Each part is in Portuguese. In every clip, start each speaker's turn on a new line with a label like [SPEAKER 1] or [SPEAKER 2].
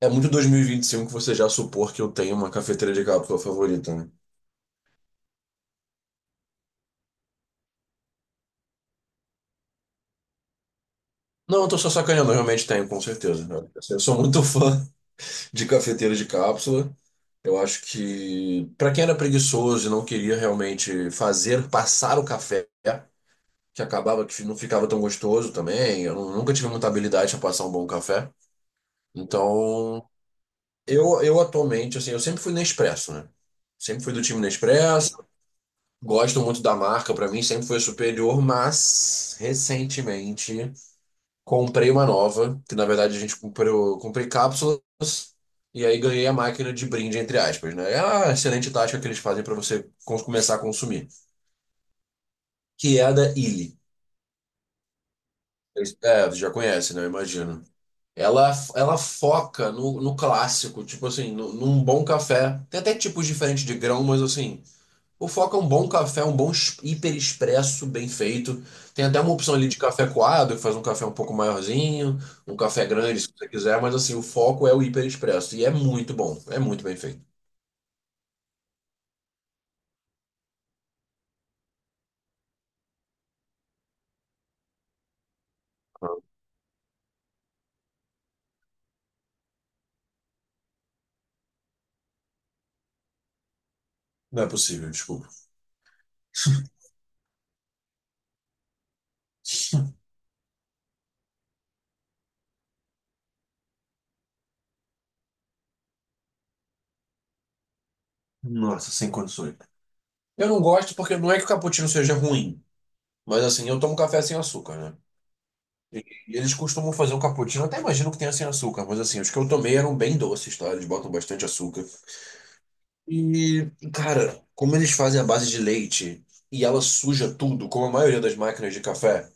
[SPEAKER 1] É muito 2025 que você já supor que eu tenho uma cafeteira de cápsula favorita, né? Não, eu tô só sacaneando, eu realmente tenho, com certeza. Eu sou muito fã de cafeteira de cápsula. Eu acho que, pra quem era preguiçoso e não queria realmente fazer, passar o café, que acabava que não ficava tão gostoso também, eu nunca tive muita habilidade a passar um bom café. Então, eu atualmente, assim, eu sempre fui Nespresso, né? Sempre fui do time Nespresso. Gosto muito da marca, pra mim sempre foi superior, mas recentemente comprei uma nova, que na verdade a gente comprou, comprei cápsulas e aí ganhei a máquina de brinde, entre aspas, né? É uma excelente tática que eles fazem pra você começar a consumir, que é a da Illy. É, você já conhece, né? Eu imagino. Ela foca no clássico, tipo assim, no, num bom café. Tem até tipos diferentes de grão, mas assim, o foco é um bom café, um bom hiper expresso bem feito. Tem até uma opção ali de café coado, que faz um café um pouco maiorzinho, um café grande, se você quiser, mas assim, o foco é o hiper expresso. E é muito bom, é muito bem feito. Não é possível, desculpa. Nossa, sem condições. Eu não gosto porque não é que o cappuccino seja ruim, mas assim, eu tomo café sem açúcar, né? E eles costumam fazer um cappuccino, até imagino que tenha sem açúcar, mas assim, os que eu tomei eram bem doces, tá? Eles botam bastante açúcar. E, cara, como eles fazem a base de leite e ela suja tudo, como a maioria das máquinas de café,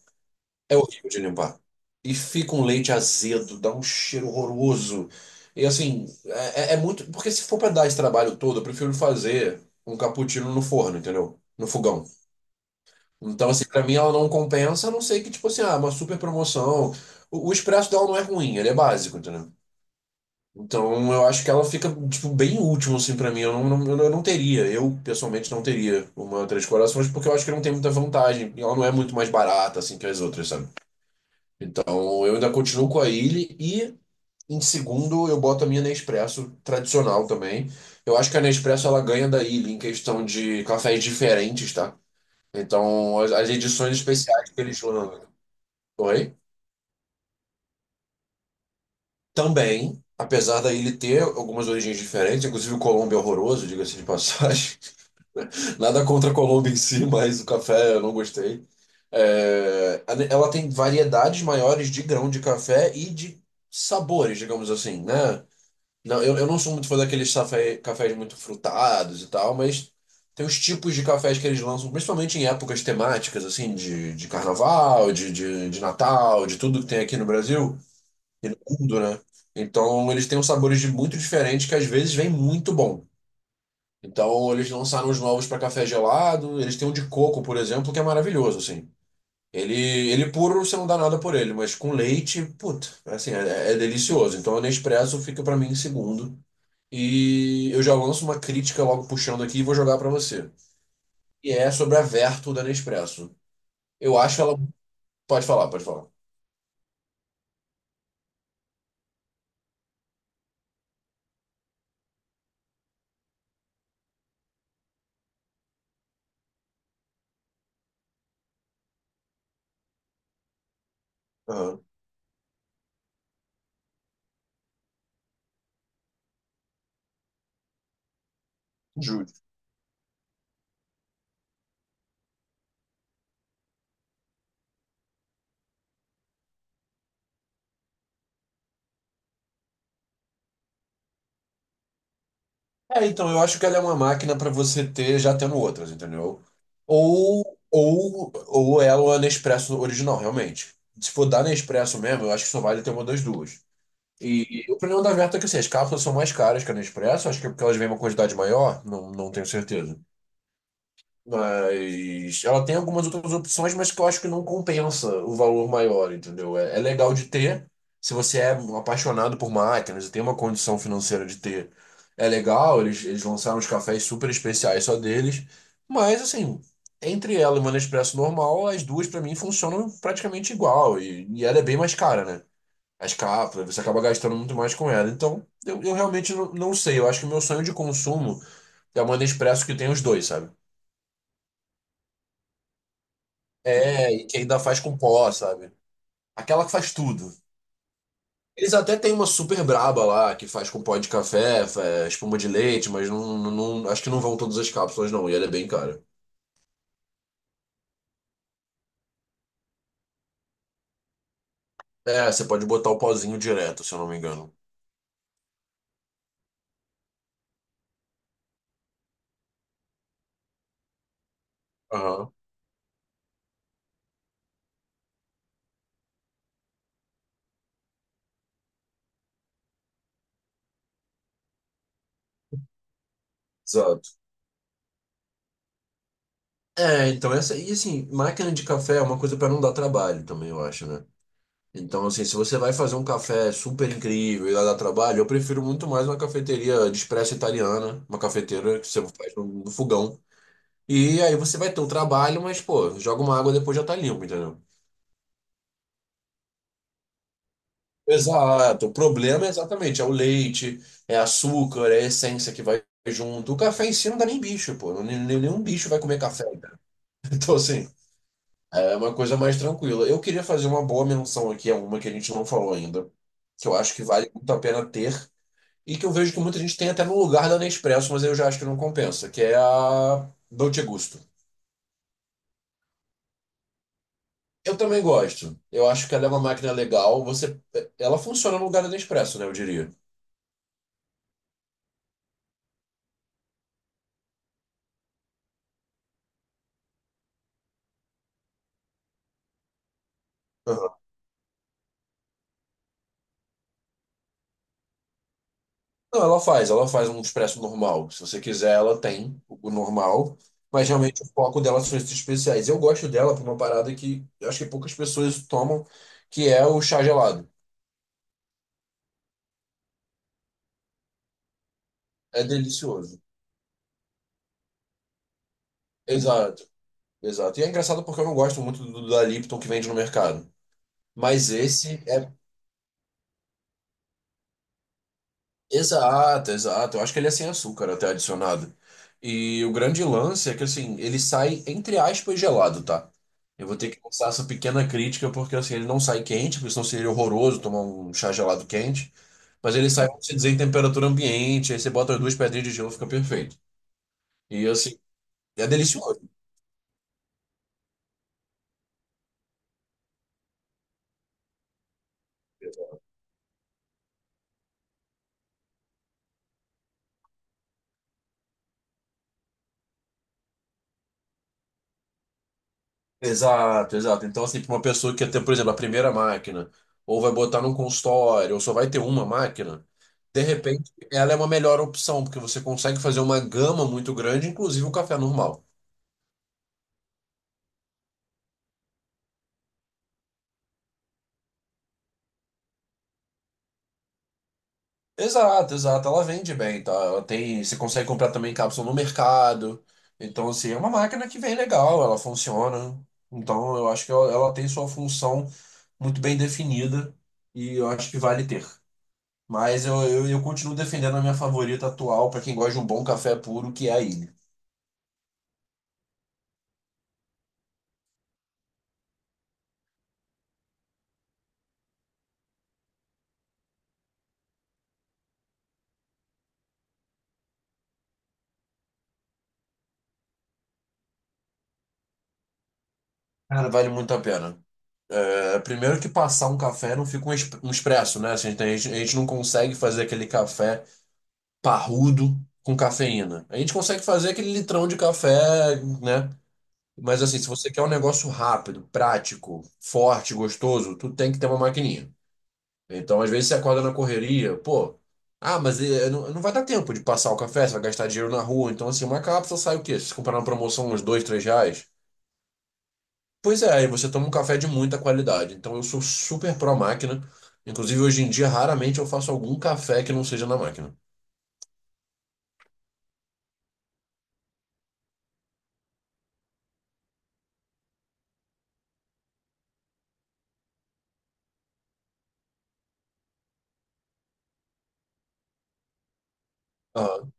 [SPEAKER 1] é horrível de limpar. E fica um leite azedo, dá um cheiro horroroso. E assim, é muito. Porque se for pra dar esse trabalho todo, eu prefiro fazer um cappuccino no forno, entendeu? No fogão. Então, assim, pra mim ela não compensa, a não ser que, tipo assim, ah, uma super promoção. O expresso dela não é ruim, ele é básico, entendeu? Então eu acho que ela fica, tipo, bem último, assim, pra mim. Eu não teria, eu pessoalmente não teria uma Três Corações, porque eu acho que não tem muita vantagem. E ela não é muito mais barata, assim, que as outras, sabe? Então eu ainda continuo com a Illy e, em segundo, eu boto a minha Nespresso tradicional também. Eu acho que a Nespresso ela ganha da Illy em questão de cafés diferentes, tá? Então as edições especiais que eles lançam. Oi? Também, apesar da ele ter algumas origens diferentes, inclusive o Colombo é horroroso, diga-se de passagem. Nada contra a Colômbia em si, mas o café eu não gostei. É, ela tem variedades maiores de grão de café e de sabores, digamos assim, né? Não, eu não sou muito fã daqueles cafés muito frutados e tal, mas tem os tipos de cafés que eles lançam, principalmente em épocas temáticas, assim, de carnaval, de Natal, de tudo que tem aqui no Brasil e no mundo, né? Então eles têm uns sabores de muito diferentes que às vezes vem muito bom. Então, eles lançaram os novos para café gelado. Eles têm um de coco, por exemplo, que é maravilhoso, assim. Ele puro, você não dá nada por ele, mas com leite, puta, assim, é delicioso. Então, o Nespresso fica para mim em segundo. E eu já lanço uma crítica logo puxando aqui e vou jogar para você. E é sobre a Vertu da Nespresso. Eu acho ela. Pode falar, pode falar. Aham. Ju- É, então, eu acho que ela é uma máquina para você ter já tendo outras, entendeu? Ou, ou ela é a Nespresso original, realmente. Se for da Nespresso mesmo, eu acho que só vale ter uma das duas. E o problema da Verta é que assim, as cápsulas são mais caras que a Nespresso, acho que é porque elas vêm uma quantidade maior, não tenho certeza. Mas ela tem algumas outras opções, mas que eu acho que não compensa o valor maior, entendeu? É legal de ter, se você é um apaixonado por máquinas e tem uma condição financeira de ter, é legal, eles lançaram uns cafés super especiais só deles, mas assim, entre ela e uma Nespresso normal, as duas pra mim funcionam praticamente igual, e ela é bem mais cara, né? As cápsulas, você acaba gastando muito mais com ela. Então, eu realmente não sei, eu acho que o meu sonho de consumo é uma Nespresso que tem os dois, sabe? É, e que ainda faz com pó, sabe? Aquela que faz tudo. Eles até têm uma super braba lá, que faz com pó de café, espuma de leite, mas acho que não vão todas as cápsulas, não. E ela é bem cara. É, você pode botar o pozinho direto, se eu não me engano. Aham, exato. É, então essa. E assim, máquina de café é uma coisa pra não dar trabalho também, eu acho, né? Então, assim, se você vai fazer um café super incrível e lá dá trabalho, eu prefiro muito mais uma cafeteria de expresso italiana, uma cafeteira que você faz no fogão. E aí você vai ter um trabalho, mas, pô, joga uma água depois já tá limpo, entendeu? Exato. O problema é exatamente, é o leite, é açúcar, é essência que vai junto. O café em si não dá nem bicho, pô. Nenhum bicho vai comer café, cara. Então, assim, é uma coisa mais tranquila. Eu queria fazer uma boa menção aqui a uma que a gente não falou ainda, que eu acho que vale muito a pena ter, e que eu vejo que muita gente tem até no lugar da Nespresso, mas eu já acho que não compensa, que é a Dolce Gusto. Eu também gosto. Eu acho que ela é uma máquina legal. Ela funciona no lugar do Nespresso, né? Eu diria. Aham. Não, ela faz. Ela faz um expresso normal. Se você quiser, ela tem o normal. Mas realmente o foco dela são esses especiais. Eu gosto dela por uma parada que eu acho que poucas pessoas tomam, que é o chá gelado. É delicioso. Exato, exato. E é engraçado porque eu não gosto muito do da Lipton que vende no mercado. Mas esse é. Exato, exato. Eu acho que ele é sem açúcar até adicionado. E o grande lance é que assim, ele sai entre aspas gelado, tá? Eu vou ter que lançar essa pequena crítica porque assim, ele não sai quente, porque senão seria horroroso tomar um chá gelado quente, mas ele sai, vamos dizer, em temperatura ambiente, aí você bota as duas pedrinhas de gelo, fica perfeito. E assim, é delicioso. Exato, exato. Então, assim, para uma pessoa que quer ter, por exemplo, a primeira máquina, ou vai botar num consultório, ou só vai ter uma máquina, de repente ela é uma melhor opção, porque você consegue fazer uma gama muito grande, inclusive o café normal. Exato, exato. Ela vende bem, tá? Ela tem, você consegue comprar também cápsula no mercado. Então, assim, é uma máquina que vem legal, ela funciona. Então, eu acho que ela tem sua função muito bem definida e eu acho que vale ter. Mas eu continuo defendendo a minha favorita atual para quem gosta de um bom café puro, que é a Ilha. Cara, vale muito a pena. É, primeiro que passar um café não fica um expresso, né? Assim, a gente não consegue fazer aquele café parrudo com cafeína. A gente consegue fazer aquele litrão de café, né? Mas assim, se você quer um negócio rápido, prático, forte, gostoso, tu tem que ter uma maquininha. Então, às vezes, você acorda na correria, pô, ah, mas não vai dar tempo de passar o café, você vai gastar dinheiro na rua. Então, assim, uma cápsula sai o quê? Se você comprar na promoção uns dois, três reais? Pois é, aí você toma um café de muita qualidade. Então, eu sou super pró máquina. Inclusive, hoje em dia, raramente eu faço algum café que não seja na máquina. Ah,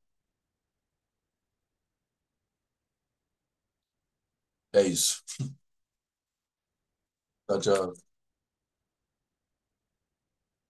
[SPEAKER 1] é isso. Tchau, tchau.